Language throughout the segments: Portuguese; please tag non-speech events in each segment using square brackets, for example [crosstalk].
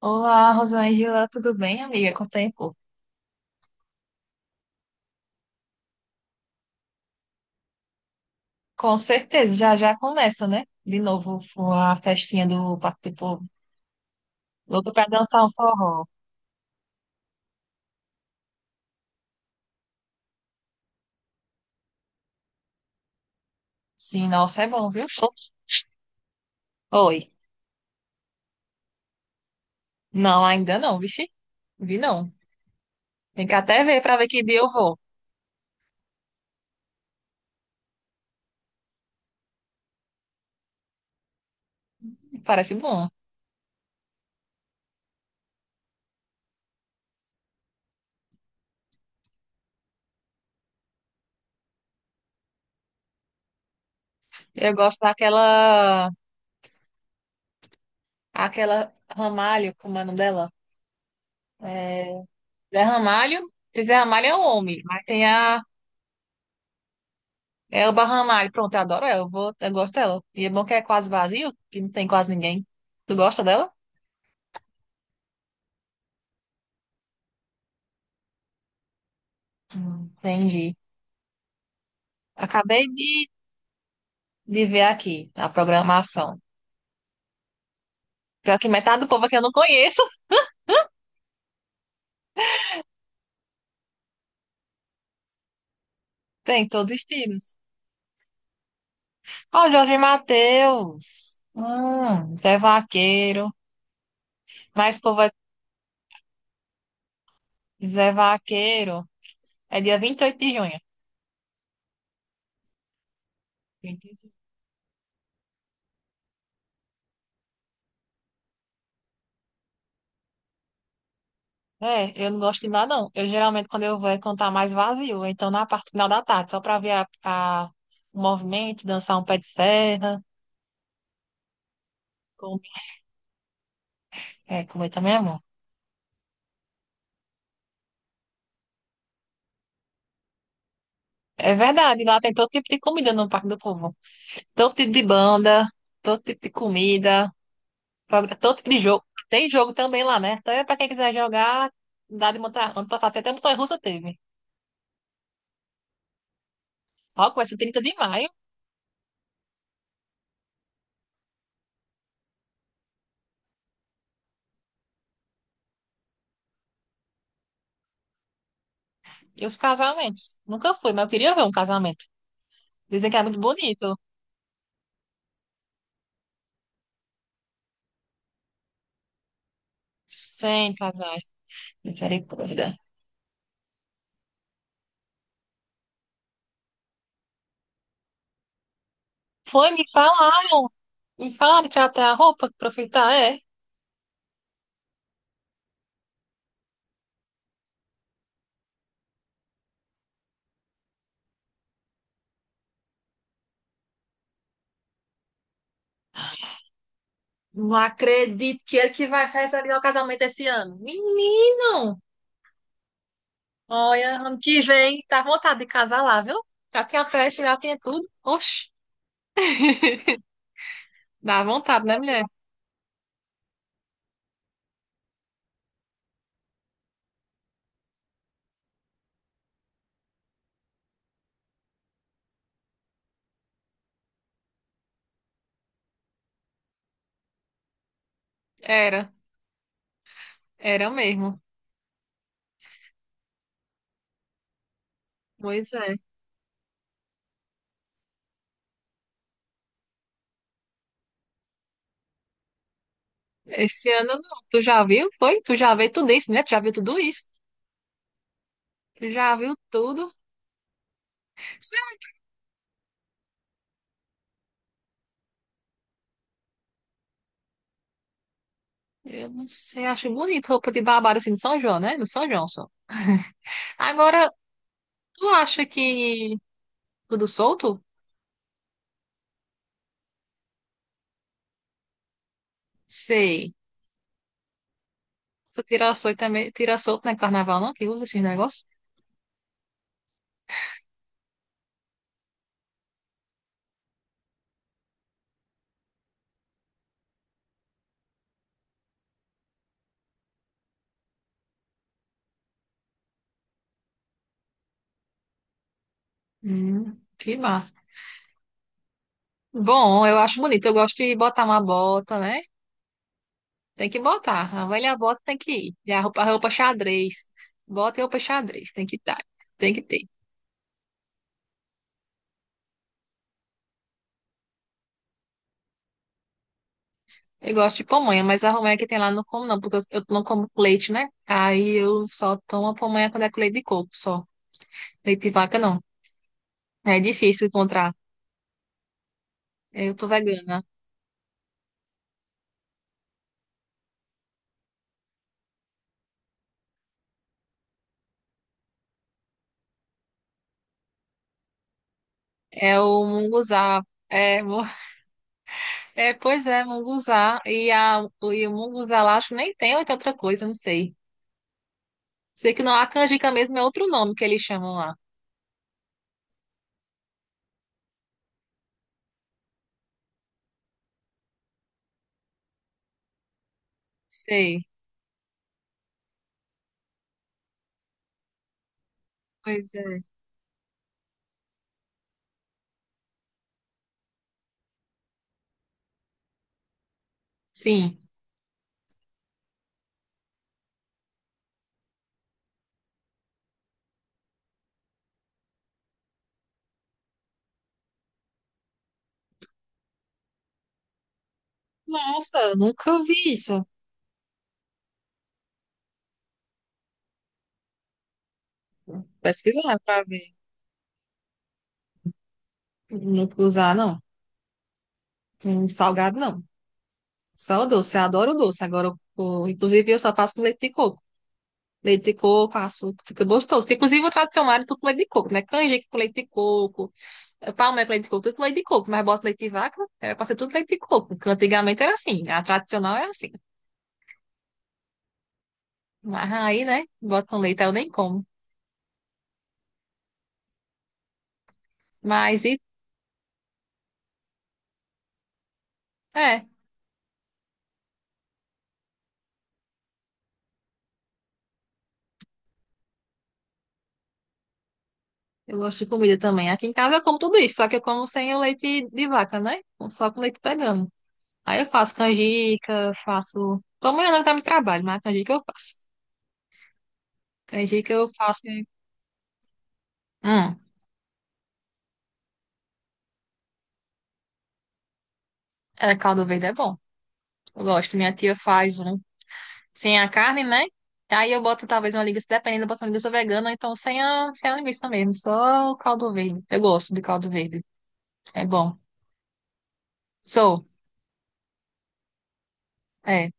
Olá, Rosângela, tudo bem, amiga? Com o tempo? Com certeza, já já começa, né? De novo a festinha do Parque do Povo. Louco pra dançar um forró. Sim, nossa, é bom, viu? Oi. Não, ainda não, vixe. Vi não. Tem que até ver pra ver que dia eu vou. Parece bom. Eu gosto daquela. Aquela Ramalho, como é o nome dela? É. Zé Ramalho. Tem Zé Ramalho é um homem, mas tem a É o Ramalho, pronto, eu adoro ela, eu gosto dela. E é bom que é quase vazio, que não tem quase ninguém. Tu gosta dela? Entendi. Acabei de ver aqui a programação. Pior que metade do povo aqui eu não conheço. [laughs] Tem todos os estilos. Ó, Jorge Mateus. Zé Vaqueiro. Mas povo é Zé Vaqueiro. É dia 28 de junho. É, eu não gosto de ir lá, não. Eu geralmente, quando eu vou, é cantar mais vazio. Então, na parte final da tarde, só pra ver a- o movimento, dançar um pé de serra. Comer. É, comer também é bom. É verdade, lá tem todo tipo de comida no Parque do Povo. Todo tipo de banda, todo tipo de comida, todo tipo de jogo. Tem jogo também lá, né? Até pra quem quiser jogar, dá de montar. Ano passado até montanha-russa teve. Ó, começa 30 de maio. E os casamentos? Nunca fui, mas eu queria ver um casamento. Dizem que é muito bonito. Sem casais. Misericórdia. Foi, me falaram. Me falaram que até a roupa que pra é. Não acredito que ele que vai realizar o casamento esse ano. Menino! Olha, ano que vem, dá vontade de casar lá, viu? Já tinha festa, já tinha tudo. Oxe, dá vontade, né, mulher? Era, era mesmo. Pois é. Esse ano não. Tu já viu? Foi? Tu já viu tudo isso, né? Tu já viu tudo isso? Tu já viu tudo? Sei lá, eu não sei, acho bonito roupa de babado assim no São João, né? No São João só. Agora, Tu acha que tudo solto? Sei. Só tira solto também, tira solto não é carnaval, não? Que usa esses negócios? Que massa. Bom, eu acho bonito. Eu gosto de botar uma bota, né? Tem que botar. A velha bota tem que ir. E a roupa xadrez. Bota e roupa xadrez. Tem que estar. Tem que ter. Eu gosto de pamonha, mas a pamonha que tem lá eu não como, não, porque eu não como com leite, né? Aí eu só tomo a pamonha quando é com leite de coco, só. Leite de vaca, não. É difícil encontrar. Eu tô vegana. É o munguzá. É, [laughs] é, pois é, munguzá. E o munguzá lá, acho que nem tem ou tem outra coisa, não sei. Sei que não, a canjica mesmo é outro nome que eles chamam lá. Sei. Pois é. Sim. Nossa, nunca vi isso. Pesquisar pra ver. Nunca usar, não. Um salgado, não. Só o doce. Eu adoro o doce. Agora, inclusive, eu só faço com leite de coco. Leite de coco, açúcar, fica gostoso. Inclusive, o tradicional é tudo com leite de coco, né? Canjica com leite de coco. Palma é com leite de coco, tudo com leite de coco, mas bota leite de vaca, é pra ser tudo leite de coco. Porque antigamente era assim, a tradicional é assim. Mas aí, né, botam leite, aí eu nem como. Mas e é, eu gosto de comida também. Aqui em casa eu como tudo isso, só que eu como sem o leite de vaca, né? Só com leite pegando. Aí eu faço canjica, faço. Como eu não tá no trabalho, mas canjica eu faço. Canjica eu faço. Hum, É, caldo verde é bom. Eu gosto. Minha tia faz um. Sem a carne, né? Aí eu boto talvez uma linguiça, dependendo, eu boto uma linguiça vegana, ou então sem a linguiça mesmo, só o caldo verde. Eu gosto de caldo verde, é bom. Sou, é,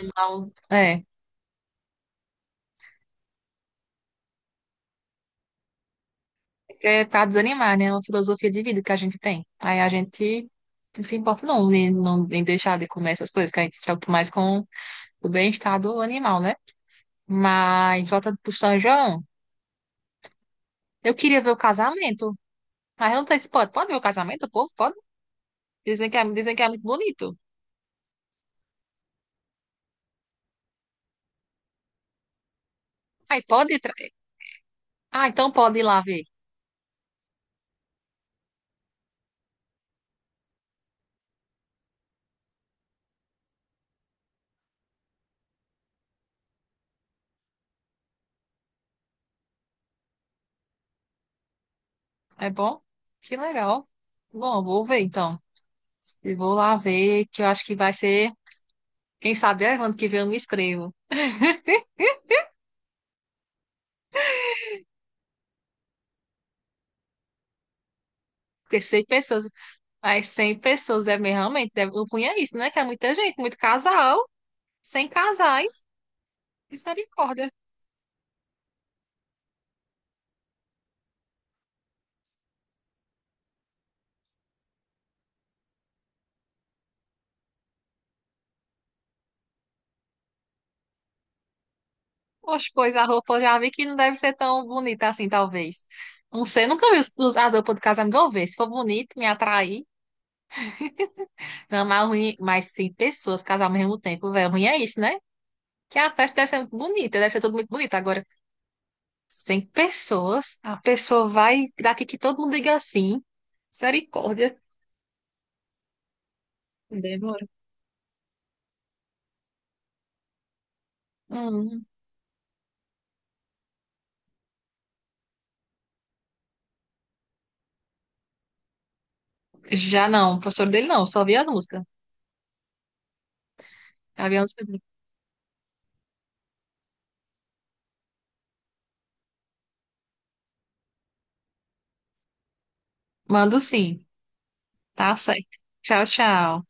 mal, é. É pra desanimar, né? É uma filosofia de vida que a gente tem. Aí a gente não se importa não, em, não, em deixar de comer essas coisas, que a gente se preocupa mais com o bem-estar do animal, né? Mas, volta pro São João, eu queria ver o casamento. Mas eu não sei se pode. Pode ver o casamento, o povo? Pode? Dizem que é muito bonito. Aí pode? Ah, então pode ir lá ver. É bom? Que legal. Bom, vou ver então. E vou lá ver, que eu acho que vai ser. Quem sabe é ano que vem eu me inscrevo. Porque 100 pessoas, mas 100 pessoas devem realmente. Deve, eu punha isso, né? Que é muita gente, muito casal, sem casais. Misericórdia. Poxa, pois a roupa eu já vi que não deve ser tão bonita assim, talvez. Não sei, eu nunca vi as roupas do casamento. Vou ver. Se for bonito, me atrair. Não, mas ruim, mas 100 pessoas casar ao mesmo tempo, velho. Ruim é isso, né? Que a festa deve ser muito bonita, deve ser tudo muito bonito. Agora, 100 pessoas, a pessoa vai daqui que todo mundo diga assim. Misericórdia. Demora. Hum, Já não, o professor dele não, só vi as músicas. Já vi as músicas dele. Mando sim, tá certo. Tchau, tchau.